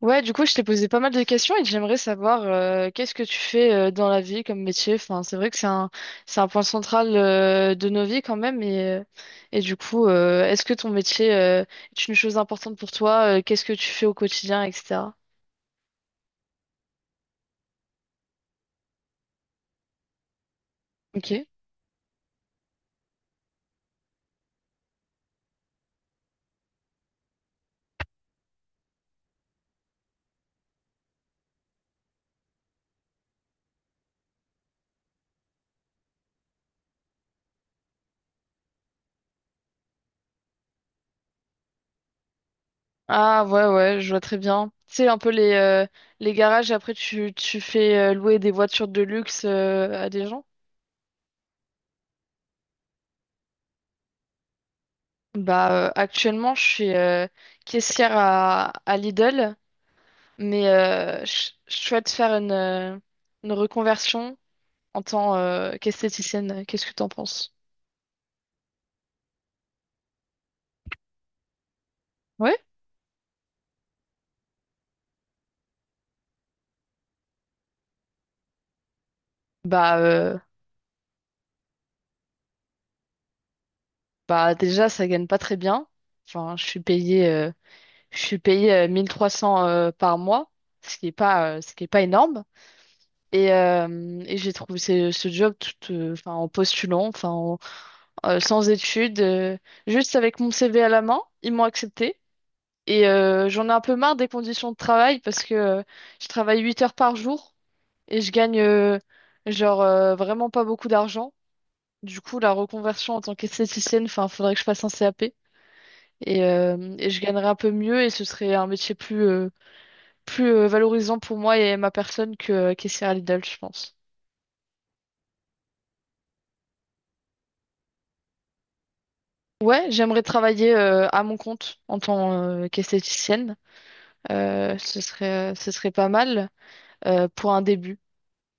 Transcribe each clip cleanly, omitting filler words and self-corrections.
Ouais, du coup, je t'ai posé pas mal de questions et j'aimerais savoir qu'est-ce que tu fais dans la vie comme métier. Enfin, c'est vrai que c'est un point central de nos vies quand même. Et du coup, est-ce que ton métier est une chose importante pour toi? Qu'est-ce que tu fais au quotidien, etc. Ok. Ah ouais, ouais, je vois très bien. Tu sais, un peu les garages, et après tu fais louer des voitures de luxe à des gens. Bah, actuellement, je suis caissière à Lidl. Mais je souhaite faire une reconversion en tant qu'esthéticienne. Qu'est-ce que t'en penses? Ouais. Bah, euh, bah, déjà, ça gagne pas très bien. Enfin, je suis payée 1300 par mois, ce qui est pas, ce qui est pas énorme. Et j'ai trouvé ce job tout, enfin, en postulant, enfin, sans études, juste avec mon CV à la main, ils m'ont accepté. Et j'en ai un peu marre des conditions de travail parce que je travaille 8 heures par jour et je gagne vraiment pas beaucoup d'argent. Du coup, la reconversion en tant qu'esthéticienne, enfin, faudrait que je fasse un CAP et je gagnerais un peu mieux et ce serait un métier plus valorisant pour moi et ma personne que caissière à Lidl, je pense. Ouais, j'aimerais travailler à mon compte en tant qu'esthéticienne. Ce serait pas mal pour un début.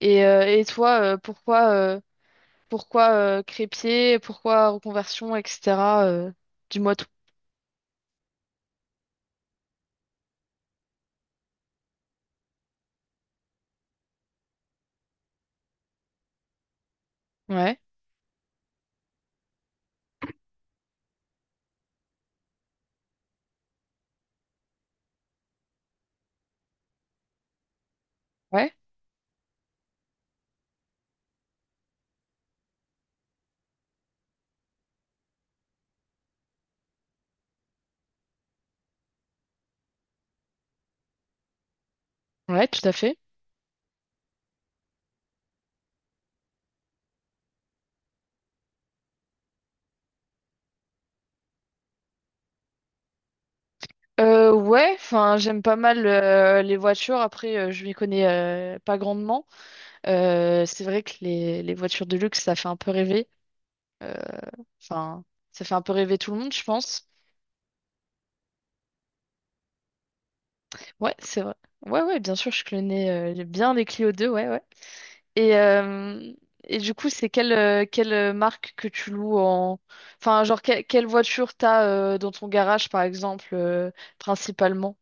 Et toi, pourquoi crépier, pourquoi reconversion, etc. euh, dis-moi tout. Ouais, ouais, ouais, tout à fait. Ouais, enfin, j'aime pas mal les voitures. Après, je m'y connais pas grandement. C'est vrai que les voitures de luxe, ça fait un peu rêver. Euh, Enfin, ça fait un peu rêver tout le monde, je pense. Ouais, c'est vrai. Ouais, ouais, bien sûr, je connais bien les Clio 2. Ouais, ouais. Et, euh, et du coup, c'est quelle marque que tu loues en... Enfin, genre, quelle voiture t'as dans ton garage, par exemple, principalement?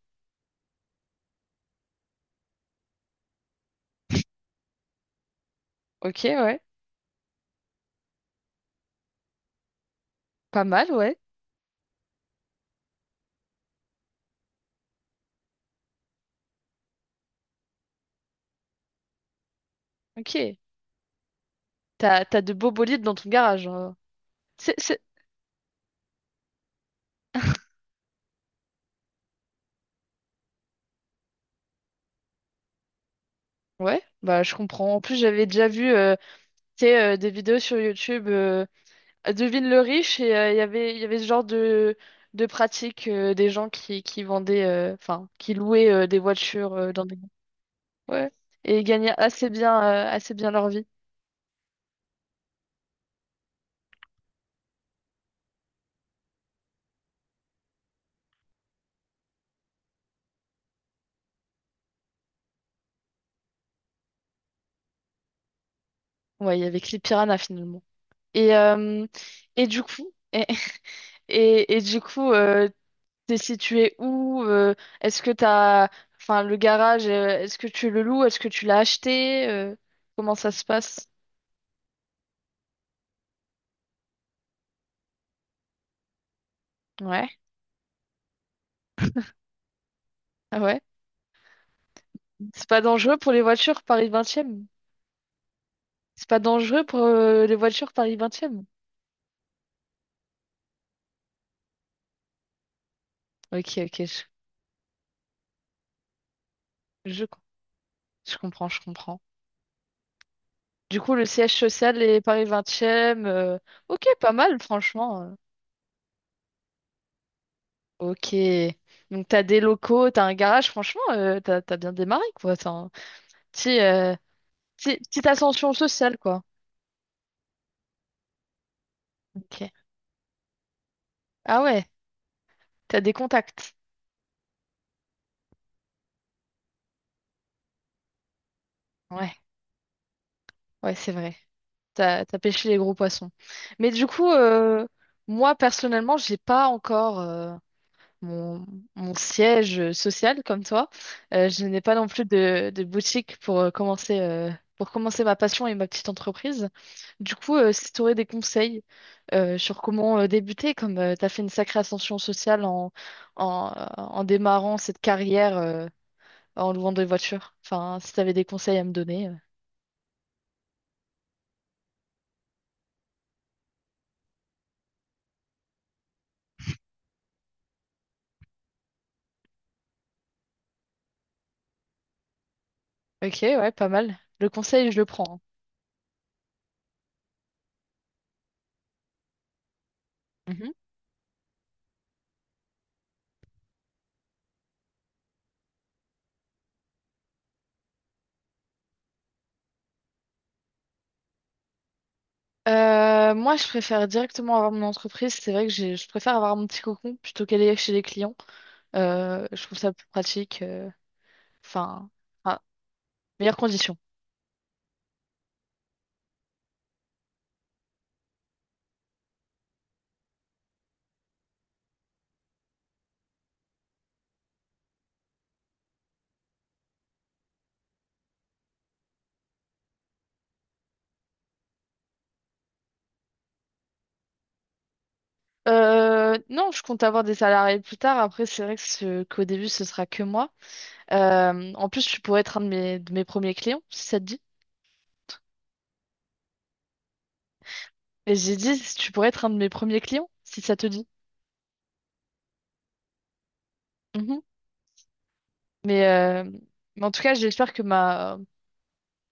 Ok, ouais. Pas mal, ouais. Ok. T'as de beaux bolides dans ton garage, hein. C'est, c'est... Ouais, bah je comprends. En plus, j'avais déjà vu tu sais, des vidéos sur YouTube, Devine le riche, et il y avait ce genre de pratique des gens qui vendaient, enfin, qui louaient des voitures dans des. Ouais. Et ils gagnaient assez bien leur vie. Ouais, avec les piranhas finalement. Et, euh, et du coup, et, et du coup, t'es situé où? Est-ce que t'as, enfin, le garage, est-ce que tu le loues? Est-ce que tu l'as acheté? Comment ça se passe? Ouais. Ah ouais. C'est pas dangereux pour les voitures Paris 20e. C'est pas dangereux pour les voitures Paris 20e. Ok, ok, je, je comprends, je comprends. Du coup, le siège social est Paris 20e. euh, ok, pas mal, franchement. Ok. Donc, t'as des locaux, t'as un garage, franchement, t'as bien démarré, quoi. T'as un petit, euh, petite ascension sociale, quoi. Ok. Ah ouais, t'as des contacts. Ouais, ouais, c'est vrai. T'as pêché les gros poissons. Mais du coup, moi, personnellement, j'ai pas encore mon, mon siège social comme toi. Je n'ai pas non plus de boutique pour commencer ma passion et ma petite entreprise. Du coup, si tu aurais des conseils sur comment débuter, comme tu as fait une sacrée ascension sociale en démarrant cette carrière en louant des voitures, enfin, si tu avais des conseils à me donner. Ok, ouais, pas mal. Le conseil, je le prends, hein. Mhm. Moi, je préfère directement avoir mon entreprise. C'est vrai que je préfère avoir mon petit cocon plutôt qu'aller chez les clients. Je trouve ça plus pratique. Enfin, ah, meilleures conditions. Non, je compte avoir des salariés plus tard. Après, c'est vrai que qu'au début, ce sera que moi. En plus, tu pourrais être un de mes premiers clients, si ça te dit. Et j'ai dit, tu pourrais être un de mes premiers clients, si ça te dit. Mhm. Mais, euh, mais, en tout cas, j'espère que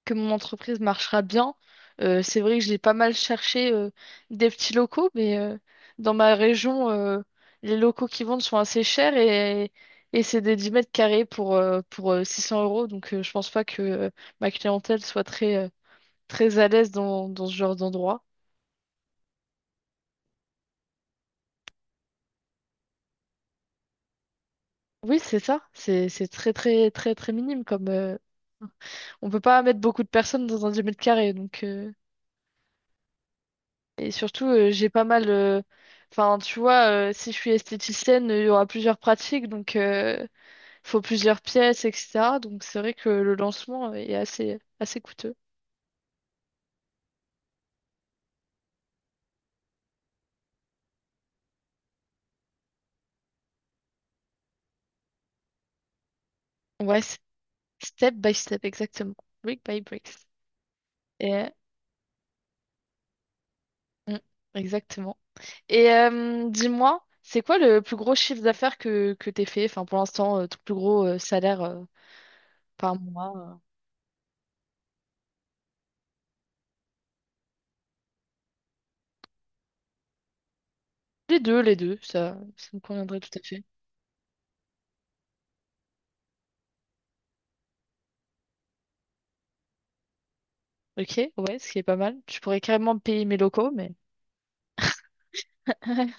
que mon entreprise marchera bien. C'est vrai que j'ai pas mal cherché des petits locaux, mais dans ma région, les locaux qui vendent sont assez chers et c'est des 10 mètres carrés pour 600 euros. Donc je pense pas que ma clientèle soit très à l'aise dans ce genre d'endroit. Oui, c'est ça. C'est très, très, très, très minime comme... on peut pas mettre beaucoup de personnes dans un 10 mètres carrés, donc... Et surtout, j'ai pas mal. Enfin, tu vois, si je suis esthéticienne, il y aura plusieurs pratiques, donc il faut plusieurs pièces, etc. Donc c'est vrai que le lancement est assez coûteux. Ouais, c'est step by step, exactement. Brick by bricks. Et, mm, exactement. Et dis-moi, c'est quoi le plus gros chiffre d'affaires que t'aies fait? Enfin, pour l'instant, ton plus gros salaire par mois. Les deux, ça me conviendrait tout à fait. Ok, ouais, ce qui est pas mal. Tu pourrais carrément payer mes locaux, mais. Ouais.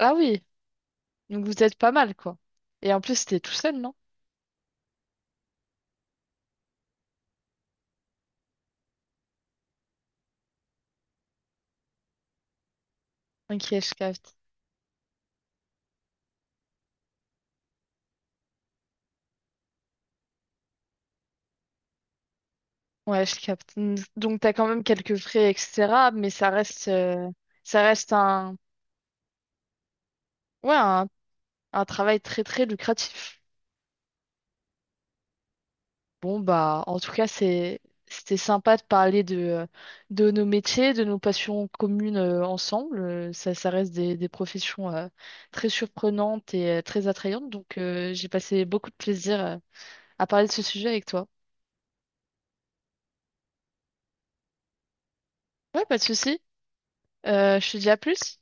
Ah oui, donc vous êtes pas mal, quoi. Et en plus, c'était tout seul, non? Ok, je capte. Ouais, je capte. Donc t'as quand même quelques frais, etc. Mais ça reste un, ouais, un travail très très lucratif. Bon bah, en tout cas, c'était sympa de parler de nos métiers, de nos passions communes ensemble. Ça reste des professions très surprenantes et très attrayantes. Donc j'ai passé beaucoup de plaisir à parler de ce sujet avec toi. Ouais, pas de souci. Je te dis à plus.